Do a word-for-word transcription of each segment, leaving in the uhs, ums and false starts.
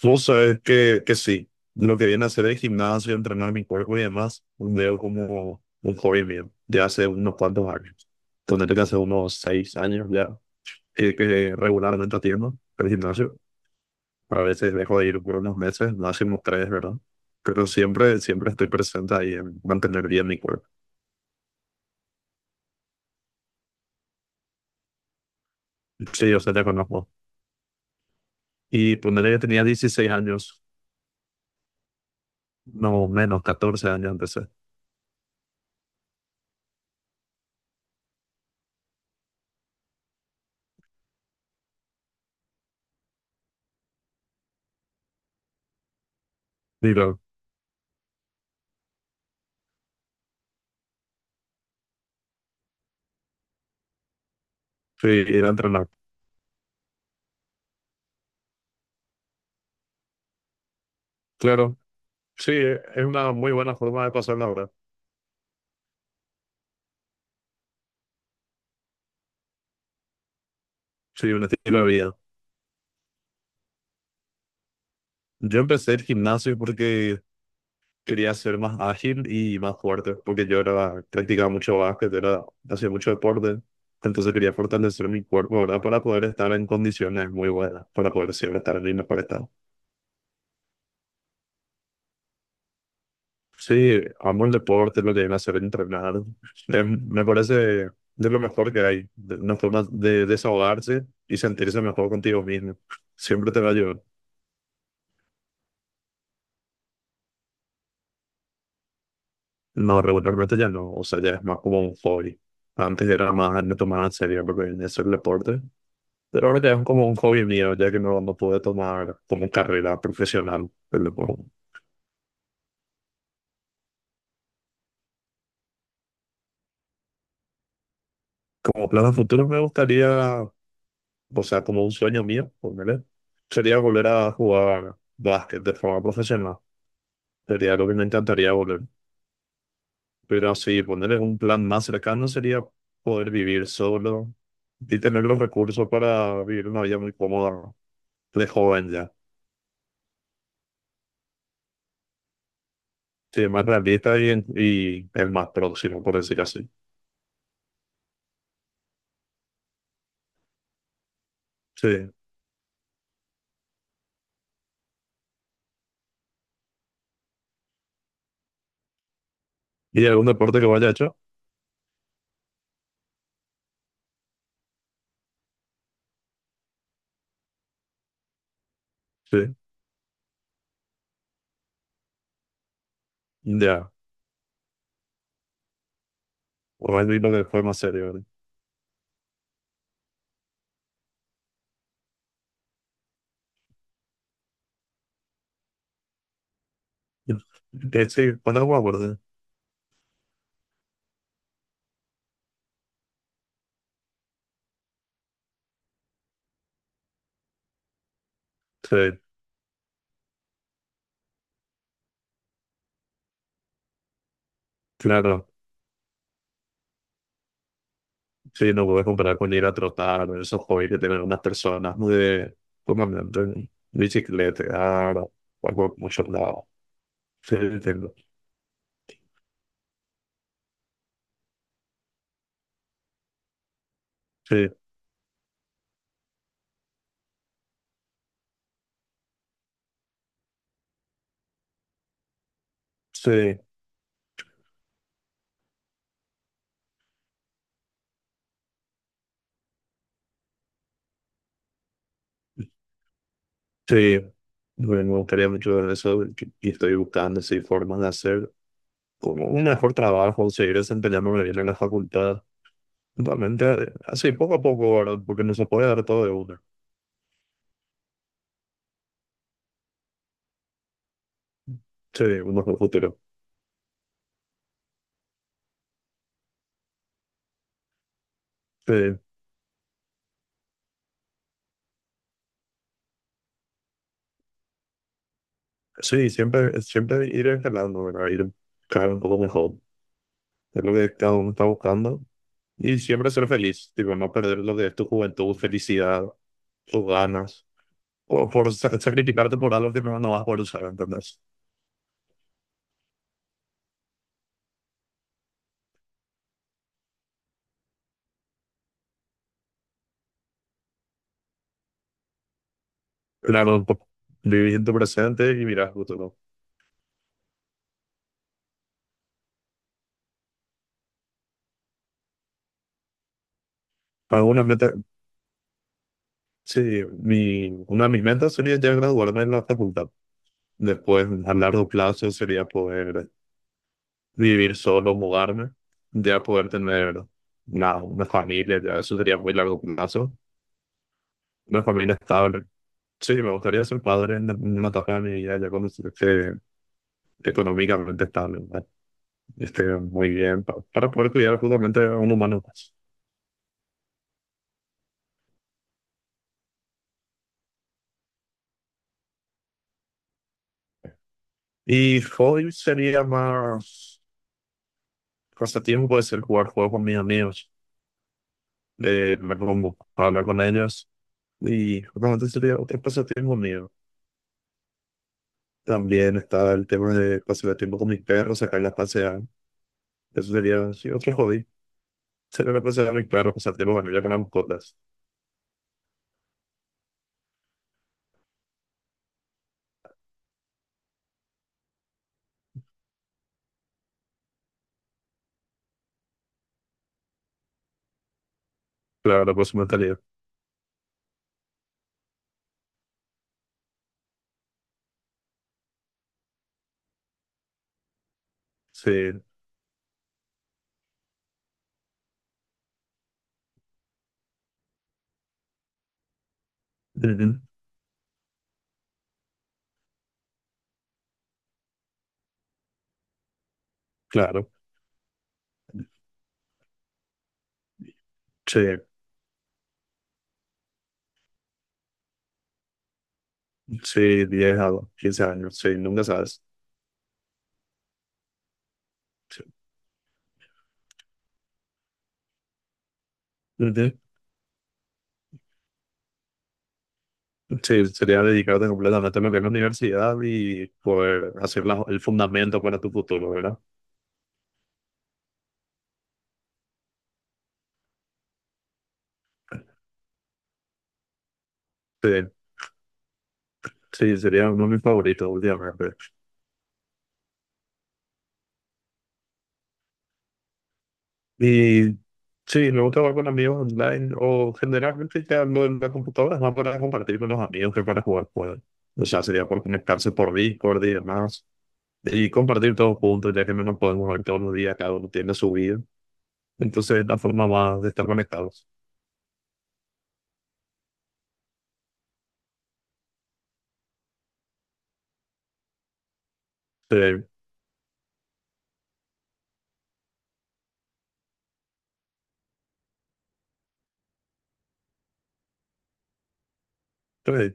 Tú sabes que, que sí, lo que viene a hacer el gimnasio, entrenar mi cuerpo y demás, veo como un hobby mío de hace unos cuantos años. Tendré que hace unos seis años ya, y que regularmente atiendo el gimnasio. A veces dejo de ir por unos meses, máximo tres, ¿verdad? Pero siempre, siempre estoy presente ahí en mantener bien mi cuerpo. Sí, yo sé, te conozco. Y ponerle que tenía dieciséis años, no menos, catorce años empecé. Digo, sí, ir a entrenar. Claro, sí, es una muy buena forma de pasar la hora. Sí, un estilo de vida. Yo empecé el gimnasio porque quería ser más ágil y más fuerte, porque yo era, practicaba mucho básquet, era, hacía mucho deporte. Entonces quería fortalecer mi cuerpo, ¿verdad? Para poder estar en condiciones muy buenas, para poder siempre estar en el mejor estado. Sí, amo el deporte, lo que viene a hacer entrenar. Eh, me parece de lo mejor que hay, de una forma de desahogarse y sentirse mejor contigo mismo. Siempre te va a ayudar. No, regularmente ya no, o sea, ya es más como un hobby. Antes era más, no tomaba en serio porque en eso el deporte, pero ahora ya es como un hobby mío, ya que no, no pude tomar como carrera profesional el deporte. Como plan a futuro me gustaría, o sea, como un sueño mío, ponerle, sería volver a jugar básquet de forma profesional. Sería lo que me encantaría volver. Pero sí, ponerle un plan más cercano sería poder vivir solo y tener los recursos para vivir una vida muy cómoda de joven ya. Sí, más realista y, en- y el más próximo, por decir así. Sí. ¿Y algún deporte que vaya hecho? Sí. Ya. Bueno, y lo que fue más serio, ¿verdad? Eh, Sí, cuando jugaba, ¿verdad? Sí, claro. Sí, no puedes comparar con ir a trotar, esos hobbies que tienen unas personas muy de, ¿cómo hablan? De bicicleta, ah, algo mucho lado. Sí, tengo. Sí, sí, sí. Bueno, me gustaría mucho ver eso y y estoy buscando así formas de hacer como un mejor trabajo, seguir desempeñándome bien en la facultad. Realmente, eh, así poco a poco, ¿verdad? Porque no se puede dar todo de uno. Sí, uno es el futuro. Sí, sí, siempre, siempre ir escalando, ¿verdad? Ir cada vez un poco mejor. Es lo que cada uno está buscando. Y siempre ser feliz, tipo, no perder lo que es tu juventud, felicidad, tus ganas. O por sa- sacrificarte por algo que no no vas a poder usar, ¿entendés? Claro, por vivir en tu presente y mirar al futuro. Alguna vez sí, mi, una de mis metas sería ya graduarme en la facultad. Después, a largo plazo, sería poder vivir solo, mudarme, ya poder tener una, una familia, ya eso sería muy largo plazo. Una familia estable. Sí, me gustaría ser padre en en una etapa de mi vida, ya cuando esté económicamente estable, ¿verdad? Esté muy bien, pa- para poder cuidar justamente a un humano más. Y hoy sería más pasatiempo, puede ser jugar juegos con mis amigos, eh, verme con- hablar con ellos. Y bueno, entonces sería un pasatiempo mío. También está el tema de pasar el tiempo con mis perros, sacarlas a pasear. Eso sería sí, otro hobby. Sacar a pasear a mis perros, pasar tiempo con ellos, con las mascotas. Claro, por su mentalidad. Sí, ujú, claro. Sí, sí, diez a quince años. Sí, nunca sabes. Sí, ujú. Sí, sería dedicarte completamente a lo que es la universidad y poder hacer la- el fundamento para tu futuro, ¿verdad? Sí, sí, sería uno de mis favoritos últimamente. Y sí, me gusta jugar con amigos online o generalmente ya lo en la computadora es más para compartir con los amigos que para jugar juegos. O sea, sería por conectarse por Discord y demás y compartir todos juntos, ya que no nos podemos ver todos los días, cada uno tiene su vida. Entonces es la forma más de estar conectados. Sí, sí,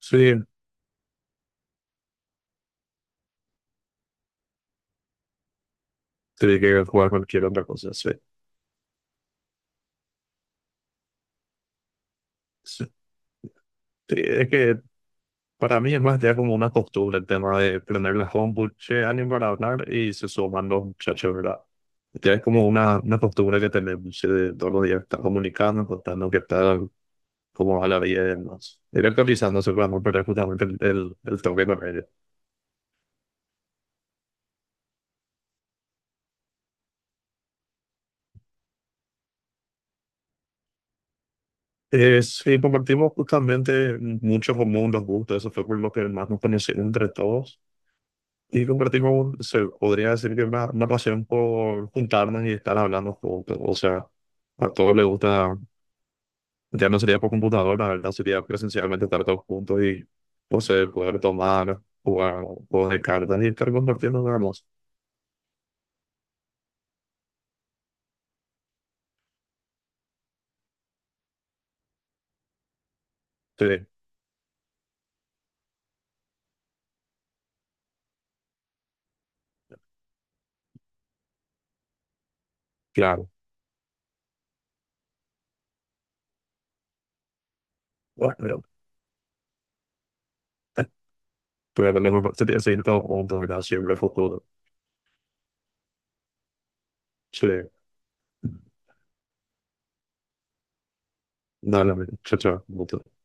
sí, sí, que jugar cualquier otra cosa. Sí, sí. Sí, es que para mí es más ya como una costumbre el tema de prender la compu, che, ánimo para hablar y se suman los muchachos, ¿verdad? Ya es como una, una costumbre que tenemos eh, de todos los días estar comunicando, contando qué tal, cómo va la vida y demás. Ir actualizándose para perder justamente el, el, el toque de redes. Eh, sí, compartimos justamente mucho común los gustos, eso fue por lo que más nos conoció entre todos. Y compartimos, se podría decir que una, una pasión por juntarnos y estar hablando juntos. O sea, a todos les gusta. Ya no sería por computadora, la verdad, sería presencialmente estar todos juntos y poseer, poder tomar, jugar, juegos de cartas y estar compartiendo dramas. Sí, claro. Bueno, pero, eh, pero lo mejor sería seguir todos juntos, ¿verdad? Siempre el futuro. Sí, dale, amigo. Chao, chao.